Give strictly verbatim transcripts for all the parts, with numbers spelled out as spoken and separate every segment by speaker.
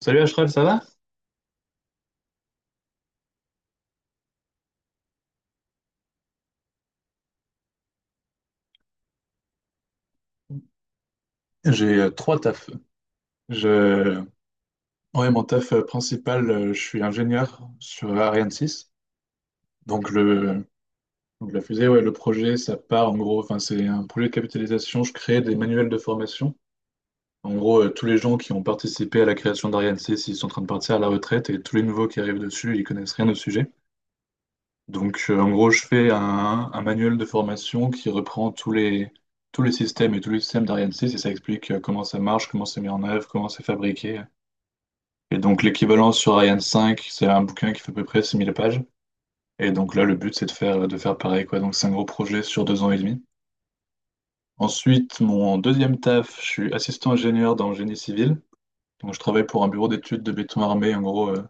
Speaker 1: Salut Ashraf, ça va? J'ai euh, trois tafs. Je... Ouais, mon taf euh, principal, euh, je suis ingénieur sur Ariane six. Donc, le... donc la fusée, ouais, le projet, ça part en gros. Enfin, c'est un projet de capitalisation. Je crée des manuels de formation. En gros, euh, tous les gens qui ont participé à la création d'Ariane six, ils sont en train de partir à la retraite et tous les nouveaux qui arrivent dessus, ils connaissent rien au sujet. Donc, euh, en gros, je fais un, un manuel de formation qui reprend tous les, tous les systèmes et tous les systèmes d'Ariane six, et ça explique euh, comment ça marche, comment c'est mis en œuvre, comment c'est fabriqué. Et donc l'équivalent sur Ariane cinq, c'est un bouquin qui fait à peu près six mille pages. Et donc là, le but, c'est de faire, de faire pareil, quoi. Donc c'est un gros projet sur deux ans et demi. Ensuite, mon deuxième taf, je suis assistant ingénieur dans le génie civil. Donc je travaille pour un bureau d'études de béton armé. En gros, euh,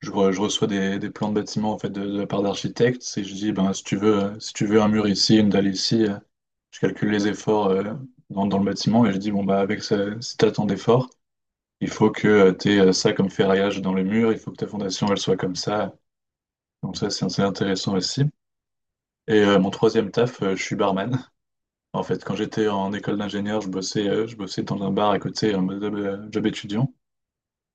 Speaker 1: je, re- je reçois des, des plans de bâtiments en fait, de, de la part d'architectes. Et je dis, ben, si tu veux, euh, si tu veux un mur ici, une dalle ici, euh, je calcule les efforts euh, dans, dans le bâtiment. Et je dis, bon, bah, avec ce, si tu as tant d'efforts, il faut que tu aies ça comme ferraillage dans le mur. Il faut que ta fondation, elle soit comme ça. Donc ça, c'est c'est intéressant aussi. Et euh, mon troisième taf, euh, je suis barman. En fait, quand j'étais en école d'ingénieur, je bossais, euh, je bossais dans un bar à côté, un job, euh, job étudiant.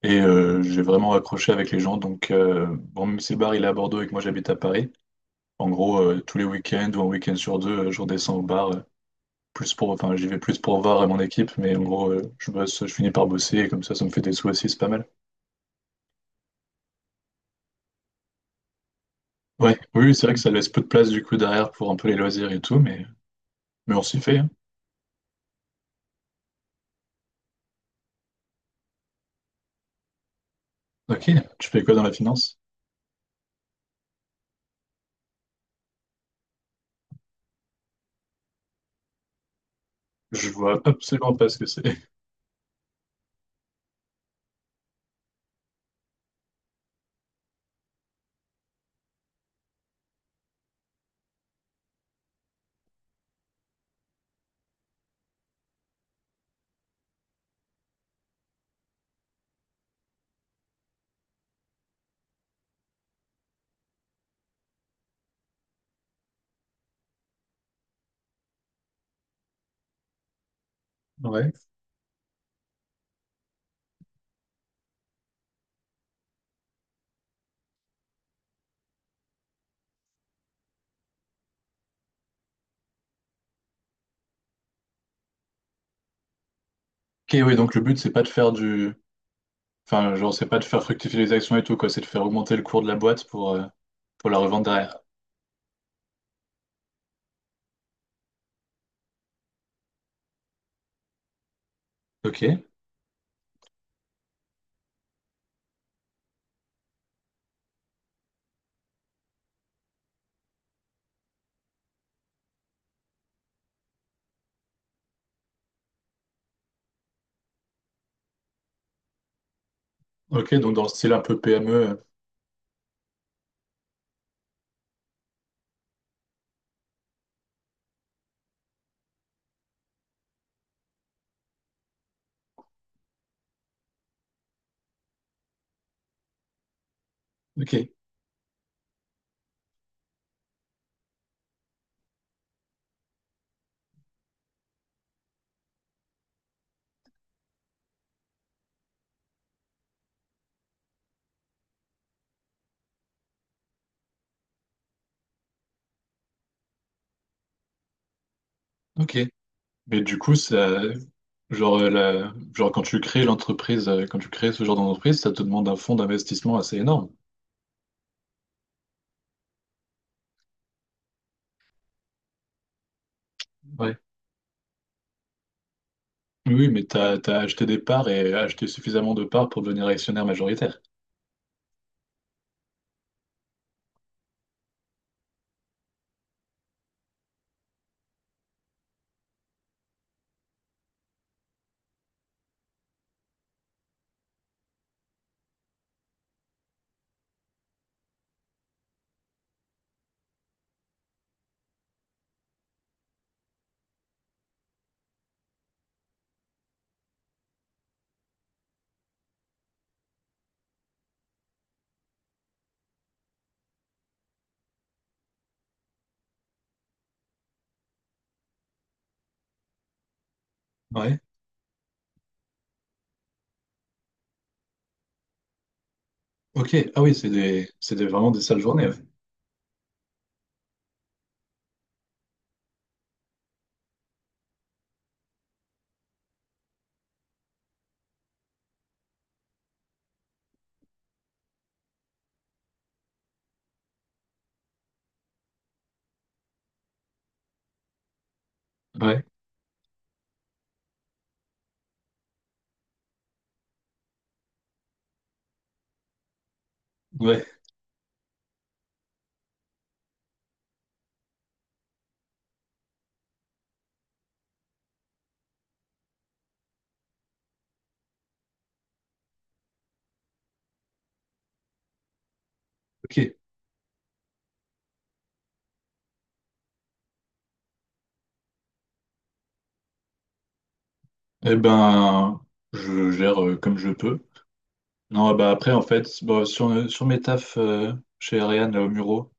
Speaker 1: Et euh, j'ai vraiment accroché avec les gens. Donc, euh, bon, même si le bar il est à Bordeaux et que moi j'habite à Paris, en gros, euh, tous les week-ends ou un week-end sur deux, euh, je redescends au bar. Euh, plus pour, enfin, j'y vais plus pour voir euh, mon équipe, mais en gros, euh, je bosse, je finis par bosser et comme ça, ça me fait des sous aussi, c'est pas mal. Ouais, oui, oui, c'est vrai que ça laisse peu de place du coup derrière pour un peu les loisirs et tout, mais, mais on s'y fait, hein. Ok, tu fais quoi dans la finance? Je vois absolument pas ce que c'est. Ouais. Ok, oui, donc le but, c'est pas de faire du... Enfin, genre, c'est pas de faire fructifier les actions et tout, quoi. C'est de faire augmenter le cours de la boîte pour, euh, pour la revendre derrière. Ok. Ok, donc dans le style un peu P M E. euh, Ok. Ok. Mais du coup, ça... Genre, euh, la... genre, quand tu crées l'entreprise, euh, quand tu crées ce genre d'entreprise, ça te demande un fonds d'investissement assez énorme. Ouais. Oui, oui, mais t'as, t'as acheté des parts et acheté suffisamment de parts pour devenir actionnaire majoritaire. Ouais. Ok. Ah oui, c'est des... c'est des... vraiment des sales journées, ouais. Ouais. Ouais, ok. Eh ben, je gère euh, comme je peux. Non, bah après, en fait, bon, sur, sur mes tafs euh, chez Ariane, là, au Muro,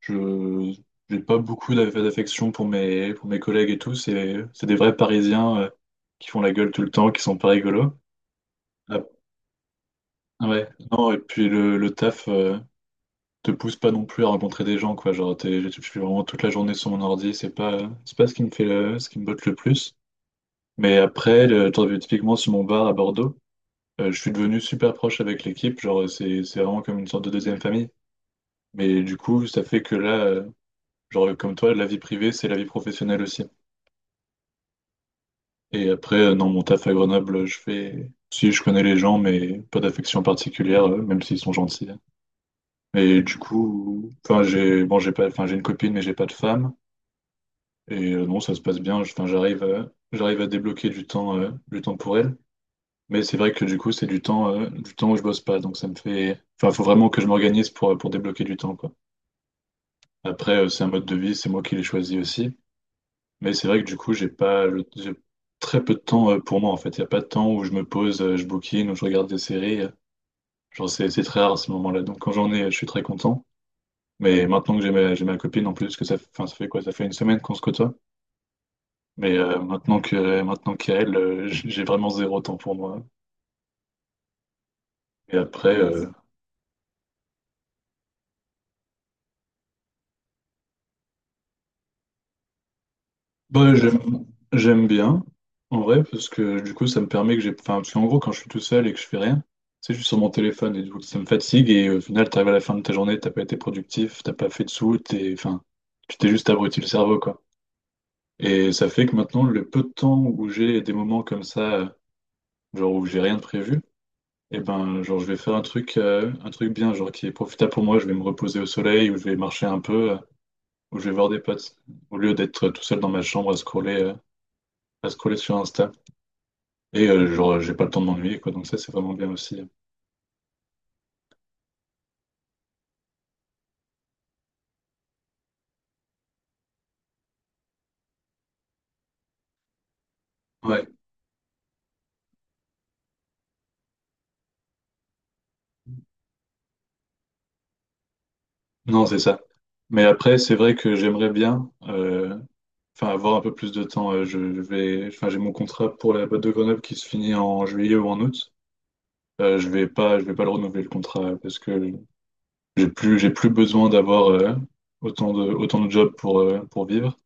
Speaker 1: je j'ai pas beaucoup d'aff- d'affection pour mes, pour mes collègues et tout. C'est c'est des vrais Parisiens euh, qui font la gueule tout le temps, qui sont pas rigolos. Ah, ouais, non, et puis le, le taf euh, te pousse pas non plus à rencontrer des gens, quoi. Genre, t'es- je suis vraiment toute la journée sur mon ordi, c'est pas, c'est pas ce qui me fait le- ce qui me botte le plus. Mais après, le, genre, typiquement sur mon bar à Bordeaux, Euh, je suis devenu super proche avec l'équipe, genre c'est c'est vraiment comme une sorte de deuxième famille. Mais du coup, ça fait que là, euh, genre comme toi, la vie privée, c'est la vie professionnelle aussi. Et après, euh, non, mon taf à Grenoble, je fais... Si, je connais les gens, mais pas d'affection particulière, euh, même s'ils sont gentils. Mais du coup, enfin, j'ai bon, j'ai pas, enfin, j'ai une copine, mais j'ai pas de femme. Et euh, non, ça se passe bien. Enfin, j'arrive, à- j'arrive à débloquer du temps, euh, du temps pour elle. Mais c'est vrai que du coup, c'est du temps, euh, du temps où je bosse pas. Donc ça me fait. Enfin, faut vraiment que je m'organise pour, pour débloquer du temps, quoi. Après, euh, c'est un mode de vie, c'est moi qui l'ai choisi aussi. Mais c'est vrai que du coup, j'ai pas le- j'ai très peu de temps euh, pour moi en fait. Il n'y a pas de temps où je me pose, euh, je bouquine, où je regarde des séries. euh. Genre, c'est c'est très rare à ce moment-là. Donc quand j'en ai, je suis très content. Mais maintenant que j'ai ma, j'ai ma copine en plus, que ça, enfin, ça fait quoi? Ça fait une semaine qu'on se côtoie. Mais euh, maintenant que maintenant qu'elle, euh, j- j'ai vraiment zéro temps pour moi. Et après, Ouais, euh, Bah, j'aime, J'aime bien, en vrai, parce que du coup, ça me permet que j'ai. Enfin, parce qu'en gros, quand je suis tout seul et que je fais rien, tu sais, je suis sur mon téléphone et du coup, ça me fatigue et au final, t'arrives à la fin de ta journée, t'as pas été productif, t'as pas fait de sous, t'es. Enfin, tu t'es juste abruti le cerveau, quoi. Et ça fait que maintenant, le peu de temps où j'ai des moments comme ça, euh, genre où j'ai rien de prévu, et ben, genre, je vais faire un truc, euh, un truc bien, genre qui est profitable pour moi. Je vais me reposer au soleil ou je vais marcher un peu euh, ou je vais voir des potes au lieu d'être tout seul dans ma chambre à scroller, euh, à scroller sur Insta. Et euh, genre, j'ai pas le temps de m'ennuyer, quoi. Donc ça, c'est vraiment bien aussi, hein. Ouais, non, c'est ça. Mais après, c'est vrai que j'aimerais bien euh, enfin, avoir un peu plus de temps. Euh, je je vais, enfin, j'ai mon contrat pour la boîte de Grenoble qui se finit en juillet ou en août. Euh, je vais pas, je vais pas le renouveler le contrat parce que j'ai plus, j'ai plus besoin d'avoir euh, autant de, autant de jobs pour, euh, pour vivre.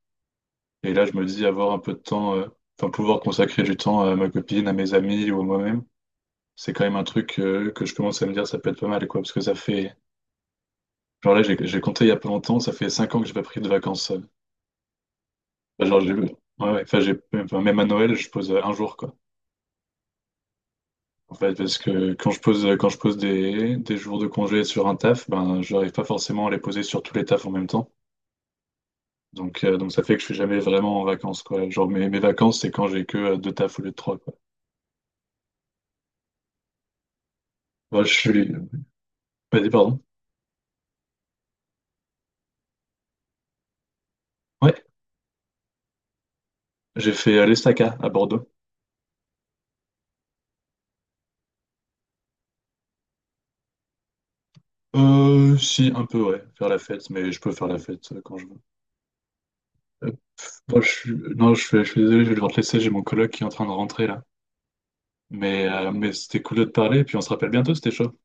Speaker 1: Et là, je me dis avoir un peu de temps, euh, enfin pouvoir consacrer du temps à ma copine, à mes amis ou à moi-même, c'est quand même un truc euh, que je commence à me dire ça peut être pas mal quoi, parce que ça fait, genre là j'ai j'ai compté il y a pas longtemps, ça fait cinq ans que j'ai pas pris de vacances. euh. Enfin, genre j'ai, ouais, ouais, enfin j'ai, enfin, même à Noël je pose euh, un jour quoi. En fait parce que quand je pose quand je pose des des jours de congé sur un taf, ben j'arrive pas forcément à les poser sur tous les tafs en même temps. Donc euh, donc ça fait que je suis jamais vraiment en vacances quoi. Genre mes mes vacances c'est quand j'ai que euh, deux tafs au lieu de trois quoi. Bah, je suis, Vas-y pardon. Ouais. J'ai fait euh, l'Estaca à Bordeaux. Euh, si, un peu, ouais, faire la fête, mais je peux faire la fête euh, quand je veux. Euh, bon, je suis... Non, je suis, je suis désolé, je vais devoir te laisser, j'ai mon coloc qui est en train de rentrer là. Mais, euh, mais c'était cool de te parler, puis on se rappelle bientôt, c'était chaud.